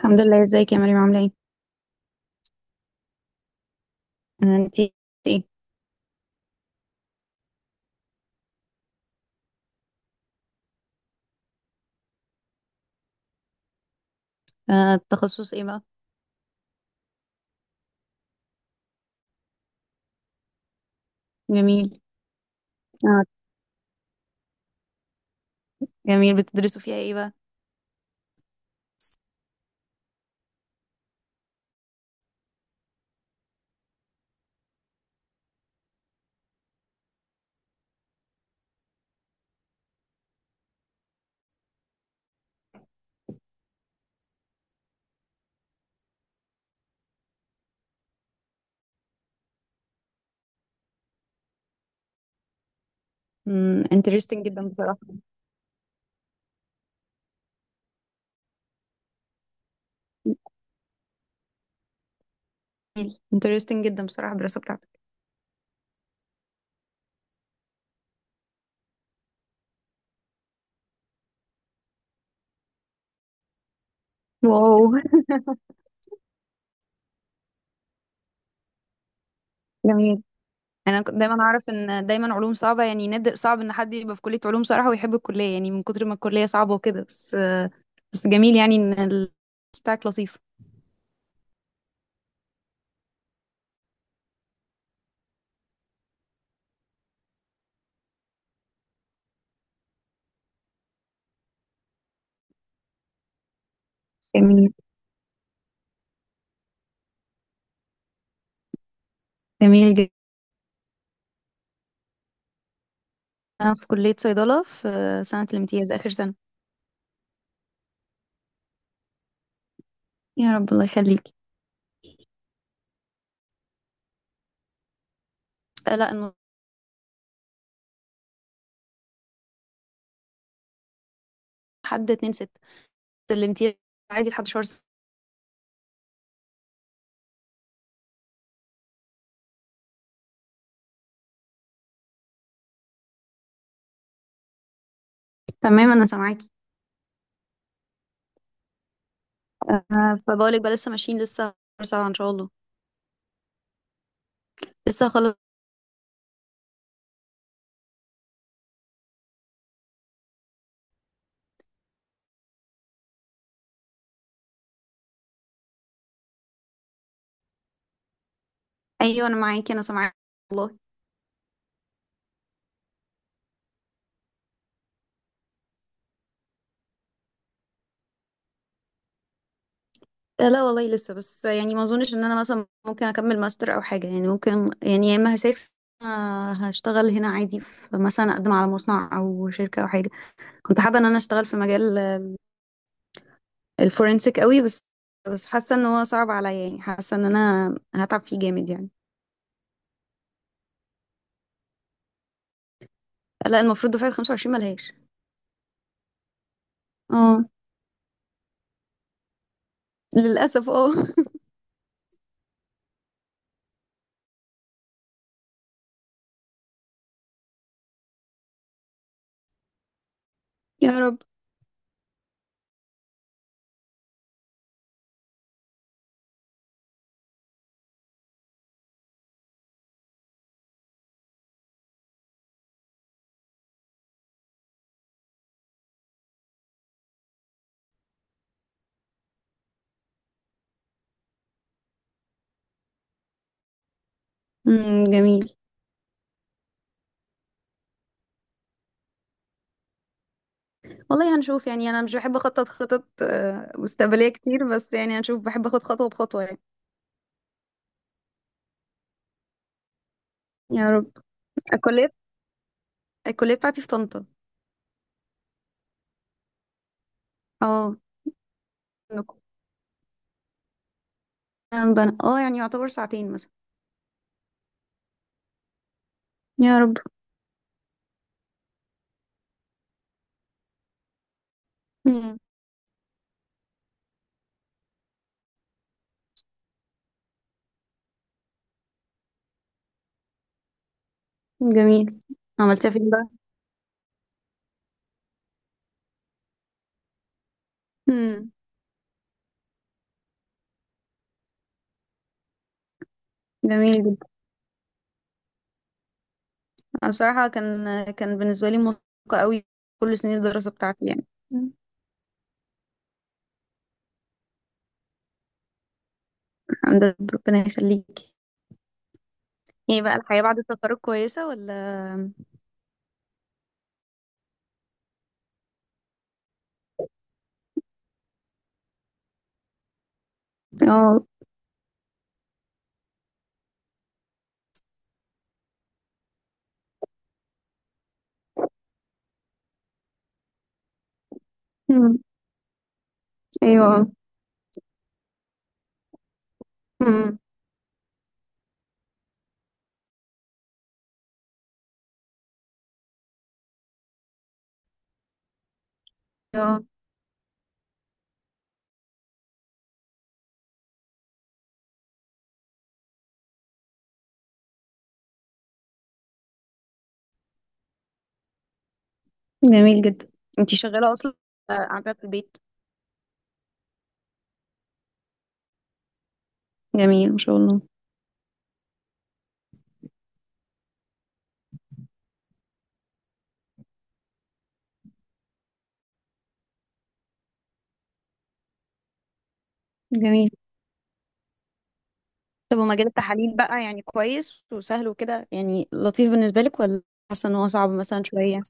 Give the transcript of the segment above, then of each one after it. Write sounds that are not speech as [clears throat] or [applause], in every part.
الحمد لله. ازيك يا مريم عاملة ايه؟ انتي ايه؟ التخصص ايه بقى؟ جميل. آه، جميل، بتدرسوا فيها ايه بقى؟ Interesting جدا بصراحة. interesting جدا بصراحة الدراسة بتاعتك. واو، جميل. انا كنت دايما اعرف ان دايما علوم صعبة، يعني نادر صعب ان حد يبقى في كلية علوم صراحة ويحب الكلية، يعني من كتر ما الكلية صعبة وكده، بس بس جميل يعني ان بتاعك لطيف. جميل جميل جدا. انا في كلية صيدلة في سنة الامتياز، اخر سنة. يا رب، الله يخليك. آه، لا انه. حد اتنين ستة، سلمتيها. عادي لحد شهر سبعة. تمام انا سامعاكي. فبقولك بقى، لسه ماشيين، لسه شهر سبعة ان شاء الله. لسه خلاص. ايوه انا معاكي، انا سامعاكي، والله. آه، لا والله، لسه. بس يعني ما اظنش ان انا مثلا ممكن اكمل ماستر او حاجه. يعني ممكن، يعني يا اما هسافر، هشتغل هنا عادي، في مثلا اقدم على مصنع او شركه او حاجه. كنت حابه ان انا اشتغل في مجال الفورنسيك قوي، بس بس حاسه ان هو صعب عليا، يعني حاسه ان انا هتعب فيه جامد يعني. لا، المفروض دفعه ال 25 ملهاش. اه للاسف، اه. [laughs] يا رب. امم، جميل. والله هنشوف، يعني انا مش بحب اخطط خطط مستقبلية كتير، بس يعني هنشوف، بحب اخد خطوة بخطوة يعني. يا رب. الكلية الكلية بتاعتي في طنطا. اه، أنا يعني يعتبر ساعتين مثلا. يا رب. امم، جميل. عملتها فين بقى؟ امم، جميل جدا. أنا بصراحة كان بالنسبة لي مرهقة قوي، كل سنين الدراسة بتاعتي يعني. الحمد لله، ربنا يخليك. ايه بقى، الحياة بعد التخرج كويسة ولا؟ اه، امم، ايوه، امم، جميل جدا. انتي شغالة اصلا قاعدة في البيت؟ جميل ما شاء الله. جميل. طب ومجال التحاليل بقى يعني كويس وسهل وكده، يعني لطيف بالنسبة لك، ولا حاسة ان هو صعب مثلا شوية؟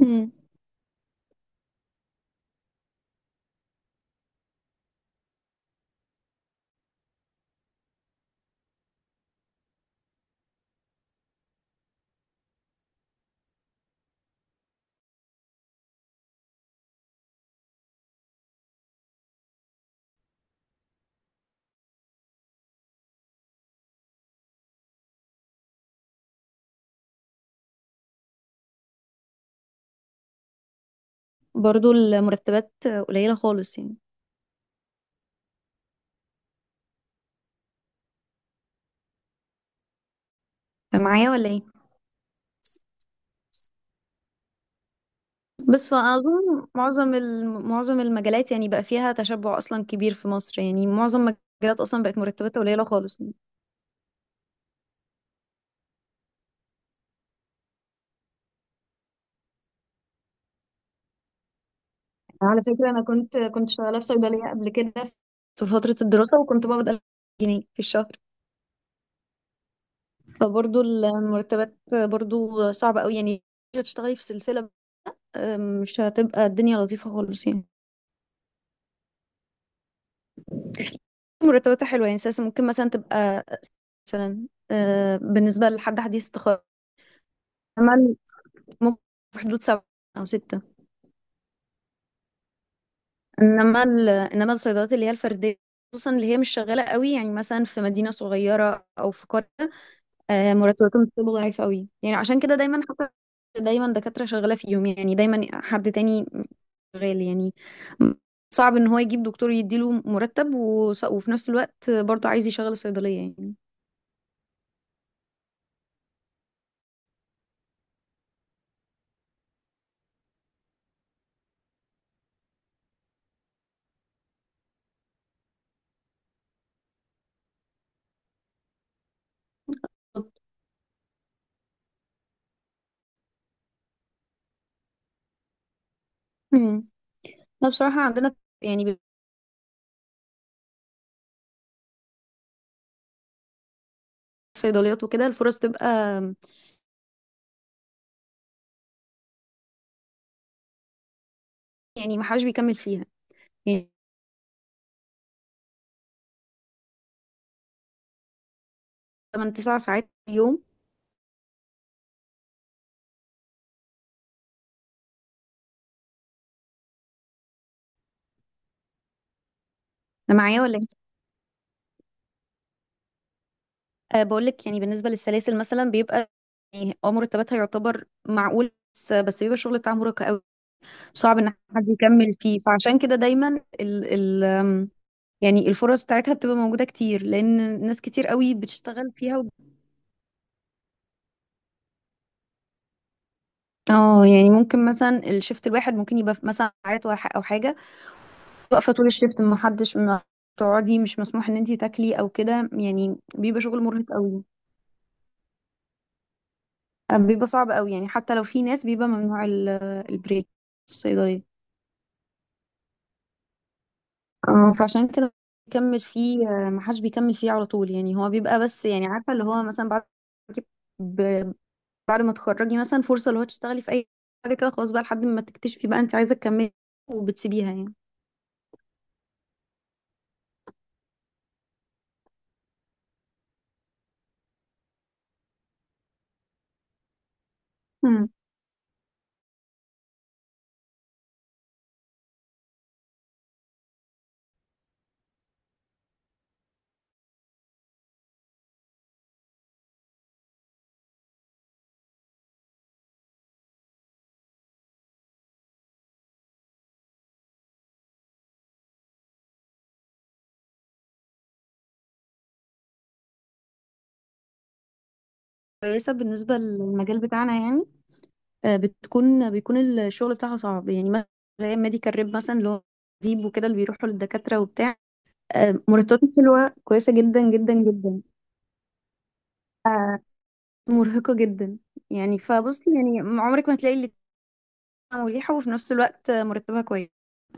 امم. برضو المرتبات قليلة خالص يعني؟ معايا ولا ايه؟ بس فأظن معظم المجالات يعني بقى فيها تشبع أصلا كبير في مصر، يعني معظم المجالات أصلا بقت مرتباتها قليلة خالص. على فكرة أنا كنت شغالة في صيدلية قبل كده، في فترة الدراسة، وكنت بقبض 1000 جنيه في الشهر. فبرضو المرتبات برضو صعبة قوي، يعني تشتغلي في سلسلة. مش هتبقى الدنيا لطيفة خالص يعني، مرتباتها حلوة يعني. أساسا ممكن مثلا تبقى مثلا بالنسبة لحد حديث التخرج، عمل ممكن في حدود سبعة أو ستة. إنما إنما الصيدليات اللي هي الفردية، خصوصا اللي هي مش شغالة قوي، يعني مثلا في مدينة صغيرة أو في قرية، مرتباتهم بتبقى ضعيفة قوي، يعني عشان كده دايما حتى دايما دكاترة شغالة فيهم، يعني دايما حد تاني شغال يعني. صعب ان هو يجيب دكتور يديله مرتب وفي نفس الوقت برضه عايز يشغل الصيدلية يعني. امم. لا بصراحة عندنا يعني صيدليات وكده، الفرص تبقى، يعني ما حدش بيكمل فيها، يعني 8 9 ساعات في اليوم. أنا معايا ولا إيه؟ أه، بقول لك يعني بالنسبة للسلاسل مثلا، بيبقى يعني مرتباتها يعتبر معقول، بس بيبقى الشغل بتاعها مرهق قوي، صعب ان حد يكمل فيه. فعشان كده دايما ال، يعني الفرص بتاعتها بتبقى موجودة كتير، لأن ناس كتير قوي بتشتغل فيها و... اه يعني ممكن مثلا الشفت الواحد ممكن يبقى في مثلا ساعات أو حاجة واقفة طول الشفت، ما حدش ما تقعدي، مش مسموح ان انتي تاكلي او كده، يعني بيبقى شغل مرهق قوي. بيبقى صعب قوي، يعني حتى لو في ناس بيبقى ممنوع البريك في الصيدلية. اه فعشان كده بيكمل فيه، ما حدش بيكمل فيه على طول، يعني هو بيبقى. بس يعني عارفة، اللي هو مثلا بعد ما تخرجي مثلا، فرصة اللي هو تشتغلي في أي حاجة كده، خلاص بقى لحد ما تكتشفي بقى أنت عايزة تكملي وبتسيبيها يعني. مم. كويسة بالنسبة للمجال بتاعنا يعني. بتكون الشغل بتاعها صعب، يعني مثلا زي ميديكال ريب مثلا اللي هو ديب وكده، اللي بيروحوا للدكاترة وبتاع، مرتباتهم حلوة كويسة جدا جدا جدا. مرهقة جدا. يعني فبص، يعني عمرك ما تلاقي اللي مريحة وفي نفس الوقت مرتبها كويس.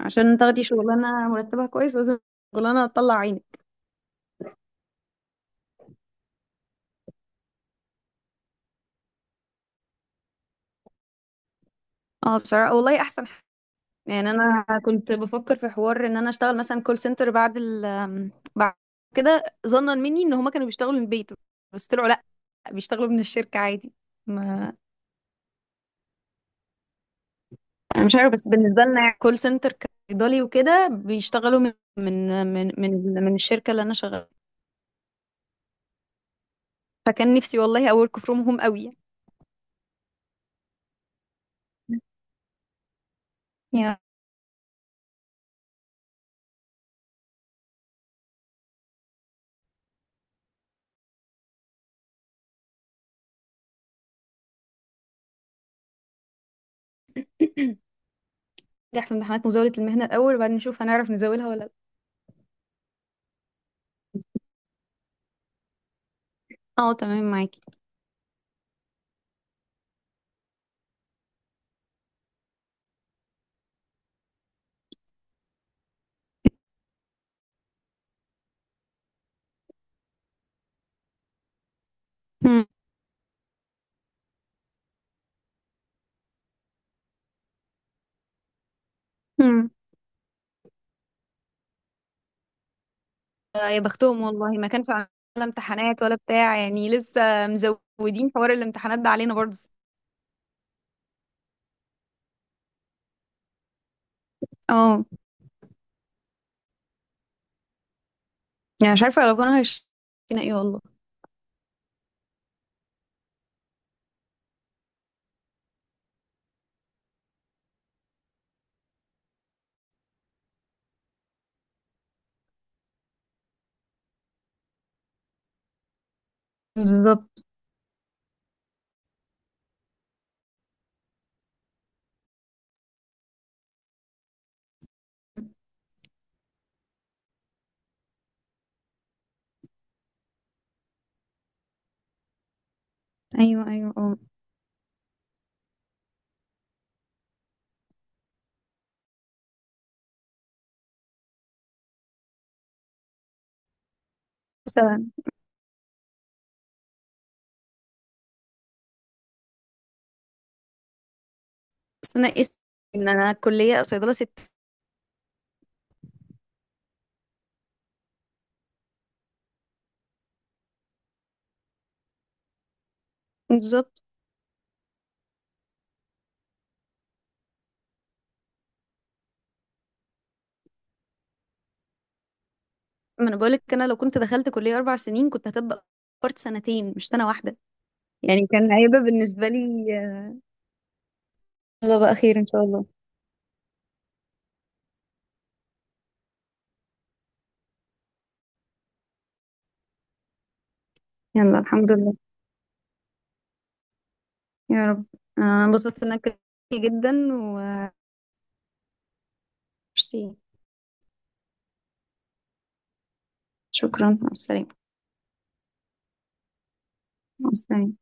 عشان تاخدي شغلانة مرتبها كويس لازم شغلانة تطلع عينك. اه بصراحة والله أحسن، يعني انا كنت بفكر في حوار ان انا اشتغل مثلا كول سنتر، بعد كده، ظنا مني ان هما كانوا بيشتغلوا من البيت، بس طلعوا لا، بيشتغلوا من الشركة عادي. ما انا مش عارفه، بس بالنسبه لنا كول سنتر كإيطالي وكده بيشتغلوا من الشركة اللي انا شغاله. فكان نفسي والله اورك فروم هوم قوي يعني. يعني. [clears throat] نجح في امتحانات مزاولة المهنة الأول، وبعدين نشوف هنعرف نزاولها ولا لا. اه تمام معاكي. يا بختهم والله، ما كانش عندنا لا امتحانات ولا بتاع، يعني لسه مزودين حوار الامتحانات ده علينا برضه. اه، يعني مش عارفه لو كانوا هيشتنا. ايه والله. بالظبط. ايوه ايوه، اه. بس، انا قست ان انا كليه صيدله ست. بالظبط، ما انا بقولك، انا لو كنت دخلت كليه اربع سنين كنت هتبقى فرت سنتين مش سنه واحده. يعني كان هيبقى بالنسبه لي. يلا بقى، خير ان شاء الله. يلا الحمد لله. يا رب. انا انبسطت انك جدا. وميرسي. شكرا، مع السلامه. مع السلامه.